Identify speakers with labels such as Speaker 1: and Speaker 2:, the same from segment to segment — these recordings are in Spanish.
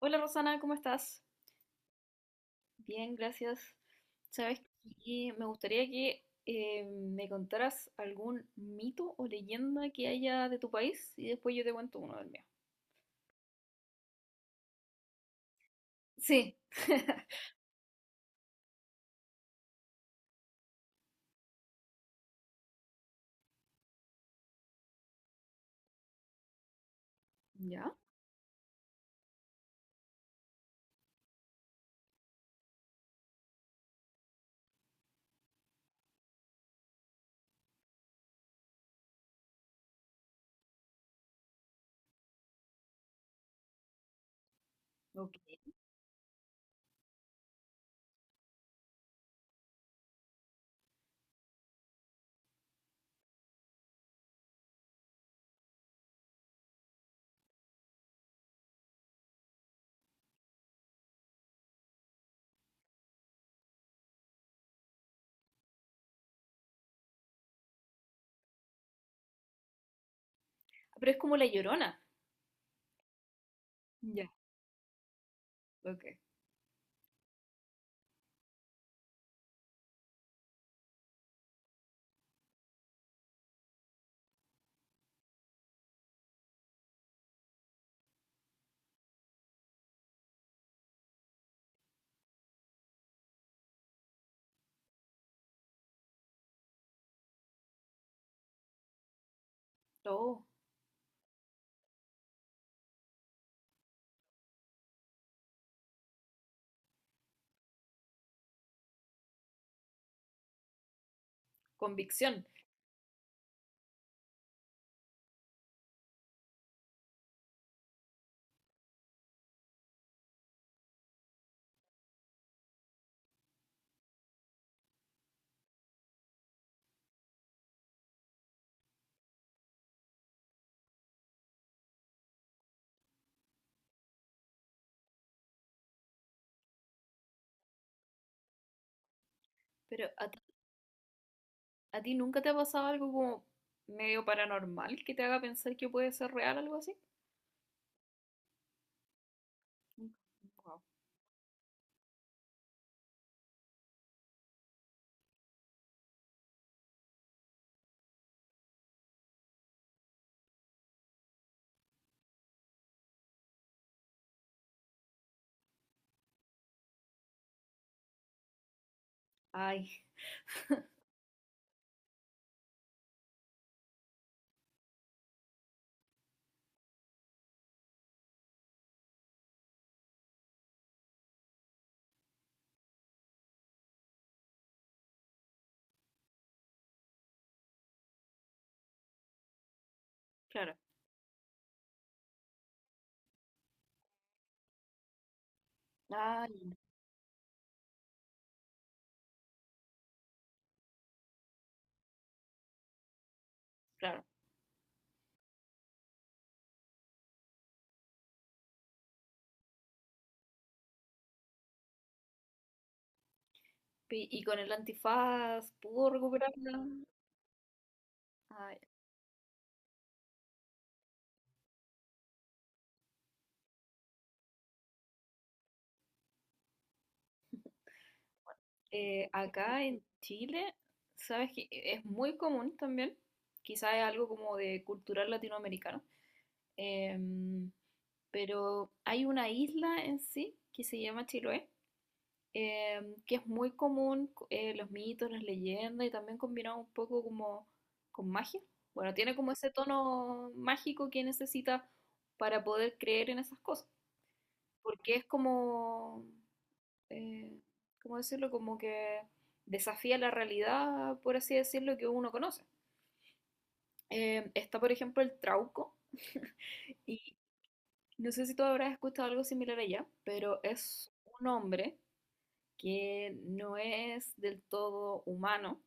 Speaker 1: Hola Rosana, ¿cómo estás? Bien, gracias. Sabes que me gustaría que me contaras algún mito o leyenda que haya de tu país y después yo te cuento uno del mío. Sí. ¿Ya? Ok. Pero es como la Llorona. Ya. Ok. Oh, convicción. Pero ¿a ti nunca te ha pasado algo como medio paranormal que te haga pensar que puede ser real algo así? Nunca. Wow. Ay, claro. Ay, claro. Y con el antifaz pudo recuperarla. Ah, acá en Chile, sabes que es muy común también, quizás es algo como de cultural latinoamericano, em, pero hay una isla en sí que se llama Chiloé, que es muy común los mitos, las leyendas y también combinado un poco como con magia. Bueno, tiene como ese tono mágico que necesita para poder creer en esas cosas, porque es como eh, ¿cómo decirlo? Como que desafía la realidad, por así decirlo, que uno conoce. Está, por ejemplo, el trauco. Y no sé si tú habrás escuchado algo similar allá, pero es un hombre que no es del todo humano,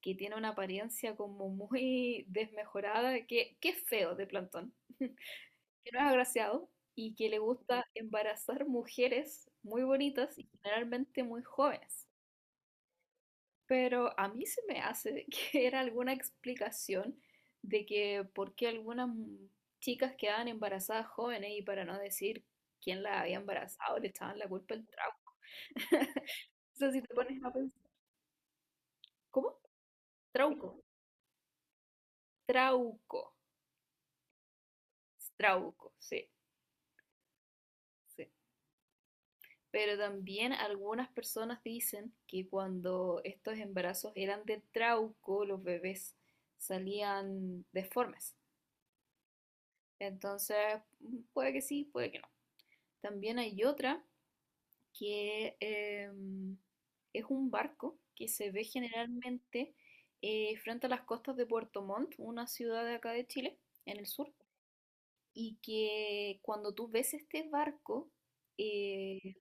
Speaker 1: que tiene una apariencia como muy desmejorada, que es feo de plantón, que no es agraciado y que le gusta embarazar mujeres muy bonitas y generalmente muy jóvenes. Pero a mí se me hace que era alguna explicación de que por qué algunas chicas quedaban embarazadas jóvenes y para no decir quién las había embarazado, le echaban la culpa al trauco. O sea, si te pones a pensar, ¿cómo? Trauco, trauco, trauco, sí, sí. Pero también algunas personas dicen que cuando estos embarazos eran de trauco, los bebés salían deformes. Entonces, puede que sí, puede que no. También hay otra que es un barco que se ve generalmente frente a las costas de Puerto Montt, una ciudad de acá de Chile, en el sur, y que cuando tú ves este barco, eh,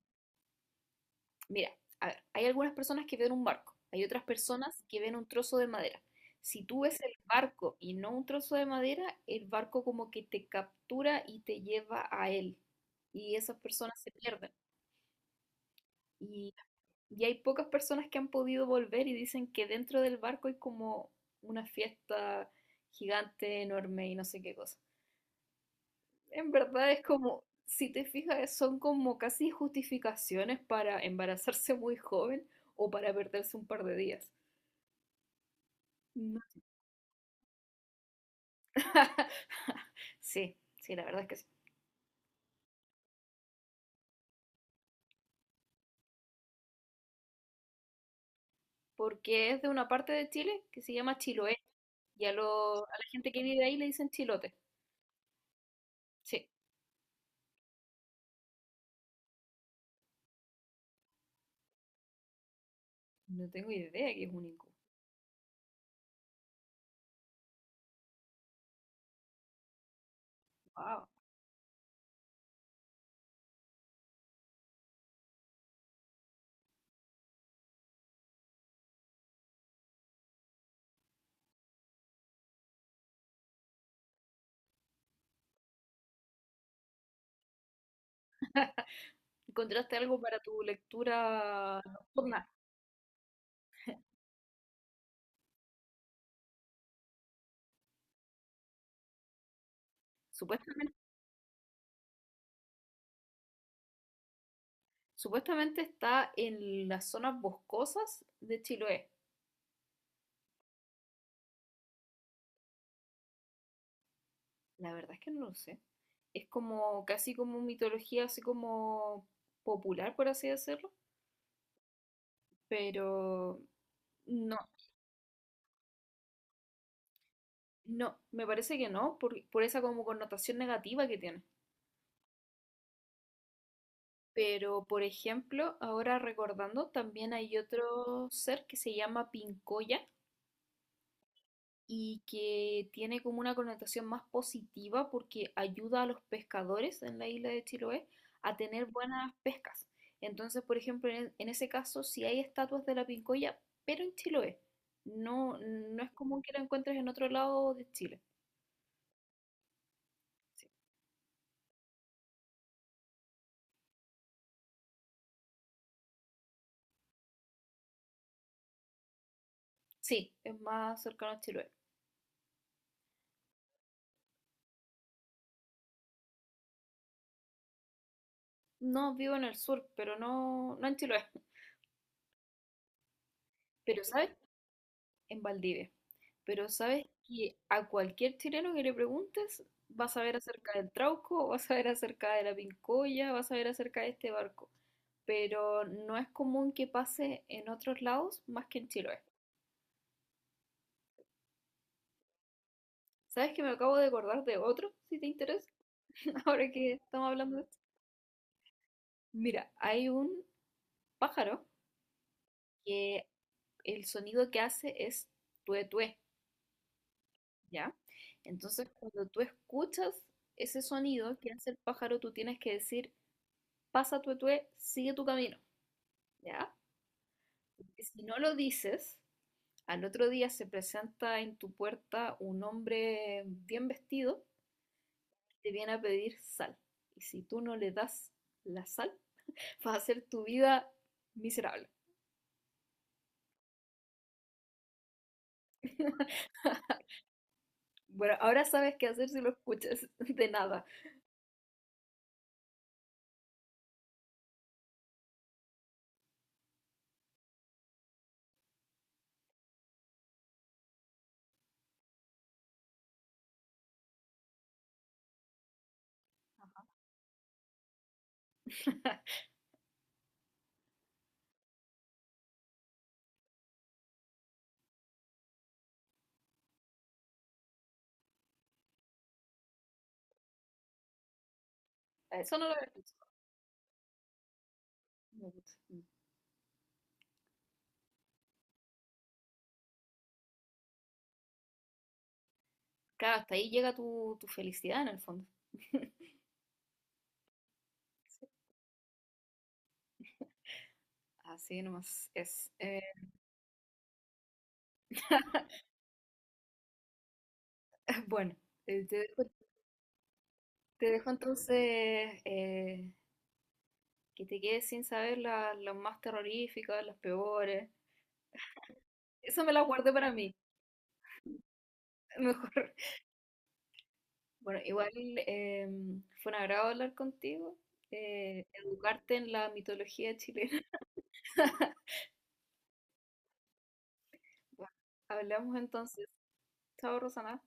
Speaker 1: mira, a ver, hay algunas personas que ven un barco, hay otras personas que ven un trozo de madera. Si tú ves el barco y no un trozo de madera, el barco como que te captura y te lleva a él, y esas personas se pierden. Y, y hay pocas personas que han podido volver y dicen que dentro del barco hay como una fiesta gigante, enorme y no sé qué cosa. En verdad es como, si te fijas, son como casi justificaciones para embarazarse muy joven o para perderse un par de días. No. Sí, sí, la verdad es que sí. Porque es de una parte de Chile que se llama Chiloé y a la gente que vive ahí le dicen chilote. Sí, no tengo idea que es un incu. ¿Encontraste algo para tu lectura nocturna? Supuesta- Supuestamente está en las zonas boscosas de Chiloé. La verdad es que no lo sé. Es como casi como mitología, así como popular, por así decirlo. Pero no, no, me parece que no, por esa como connotación negativa que tiene. Pero, por ejemplo, ahora recordando, también hay otro ser que se llama Pincoya, y que tiene como una connotación más positiva porque ayuda a los pescadores en la isla de Chiloé a tener buenas pescas. Entonces, por ejemplo, en ese caso, si hay estatuas de la Pincoya, pero en Chiloé. No, no es común que la encuentres en otro lado de Chile. Sí, sí, es más cercano a Chiloé. No vivo en el sur, pero no, no en Chiloé. Pero ¿sabes en Valdivia. Pero sabes que a cualquier chileno que le preguntes, va a saber acerca del Trauco, va a saber acerca de la Pincoya, va a saber acerca de este barco. Pero no es común que pase en otros lados más que en Chiloé. ¿Sabes que me acabo de acordar de otro, si te interesa? Ahora que estamos hablando de esto. Mira, hay un pájaro que el sonido que hace es tué tué, ¿ya? Entonces, cuando tú escuchas ese sonido que hace el pájaro, tú tienes que decir pasa tu etue, sigue tu camino, ¿ya? Porque si no lo dices, al otro día se presenta en tu puerta un hombre bien vestido, te viene a pedir sal. Y si tú no le das la sal, va a hacer tu vida miserable. Bueno, ahora sabes qué hacer si lo escuchas, de nada. Eso no lo había escuchado. Claro, hasta ahí llega tu felicidad en el fondo. Sí, así nomás es. Bueno, eh, te dejo Te dejo entonces que te quedes sin saber las más terroríficas, las peores. Eso me las guardé para mí, mejor. Bueno, igual fue un agrado hablar contigo, educarte en la mitología chilena. Bueno, hablamos entonces. Chao, Rosana.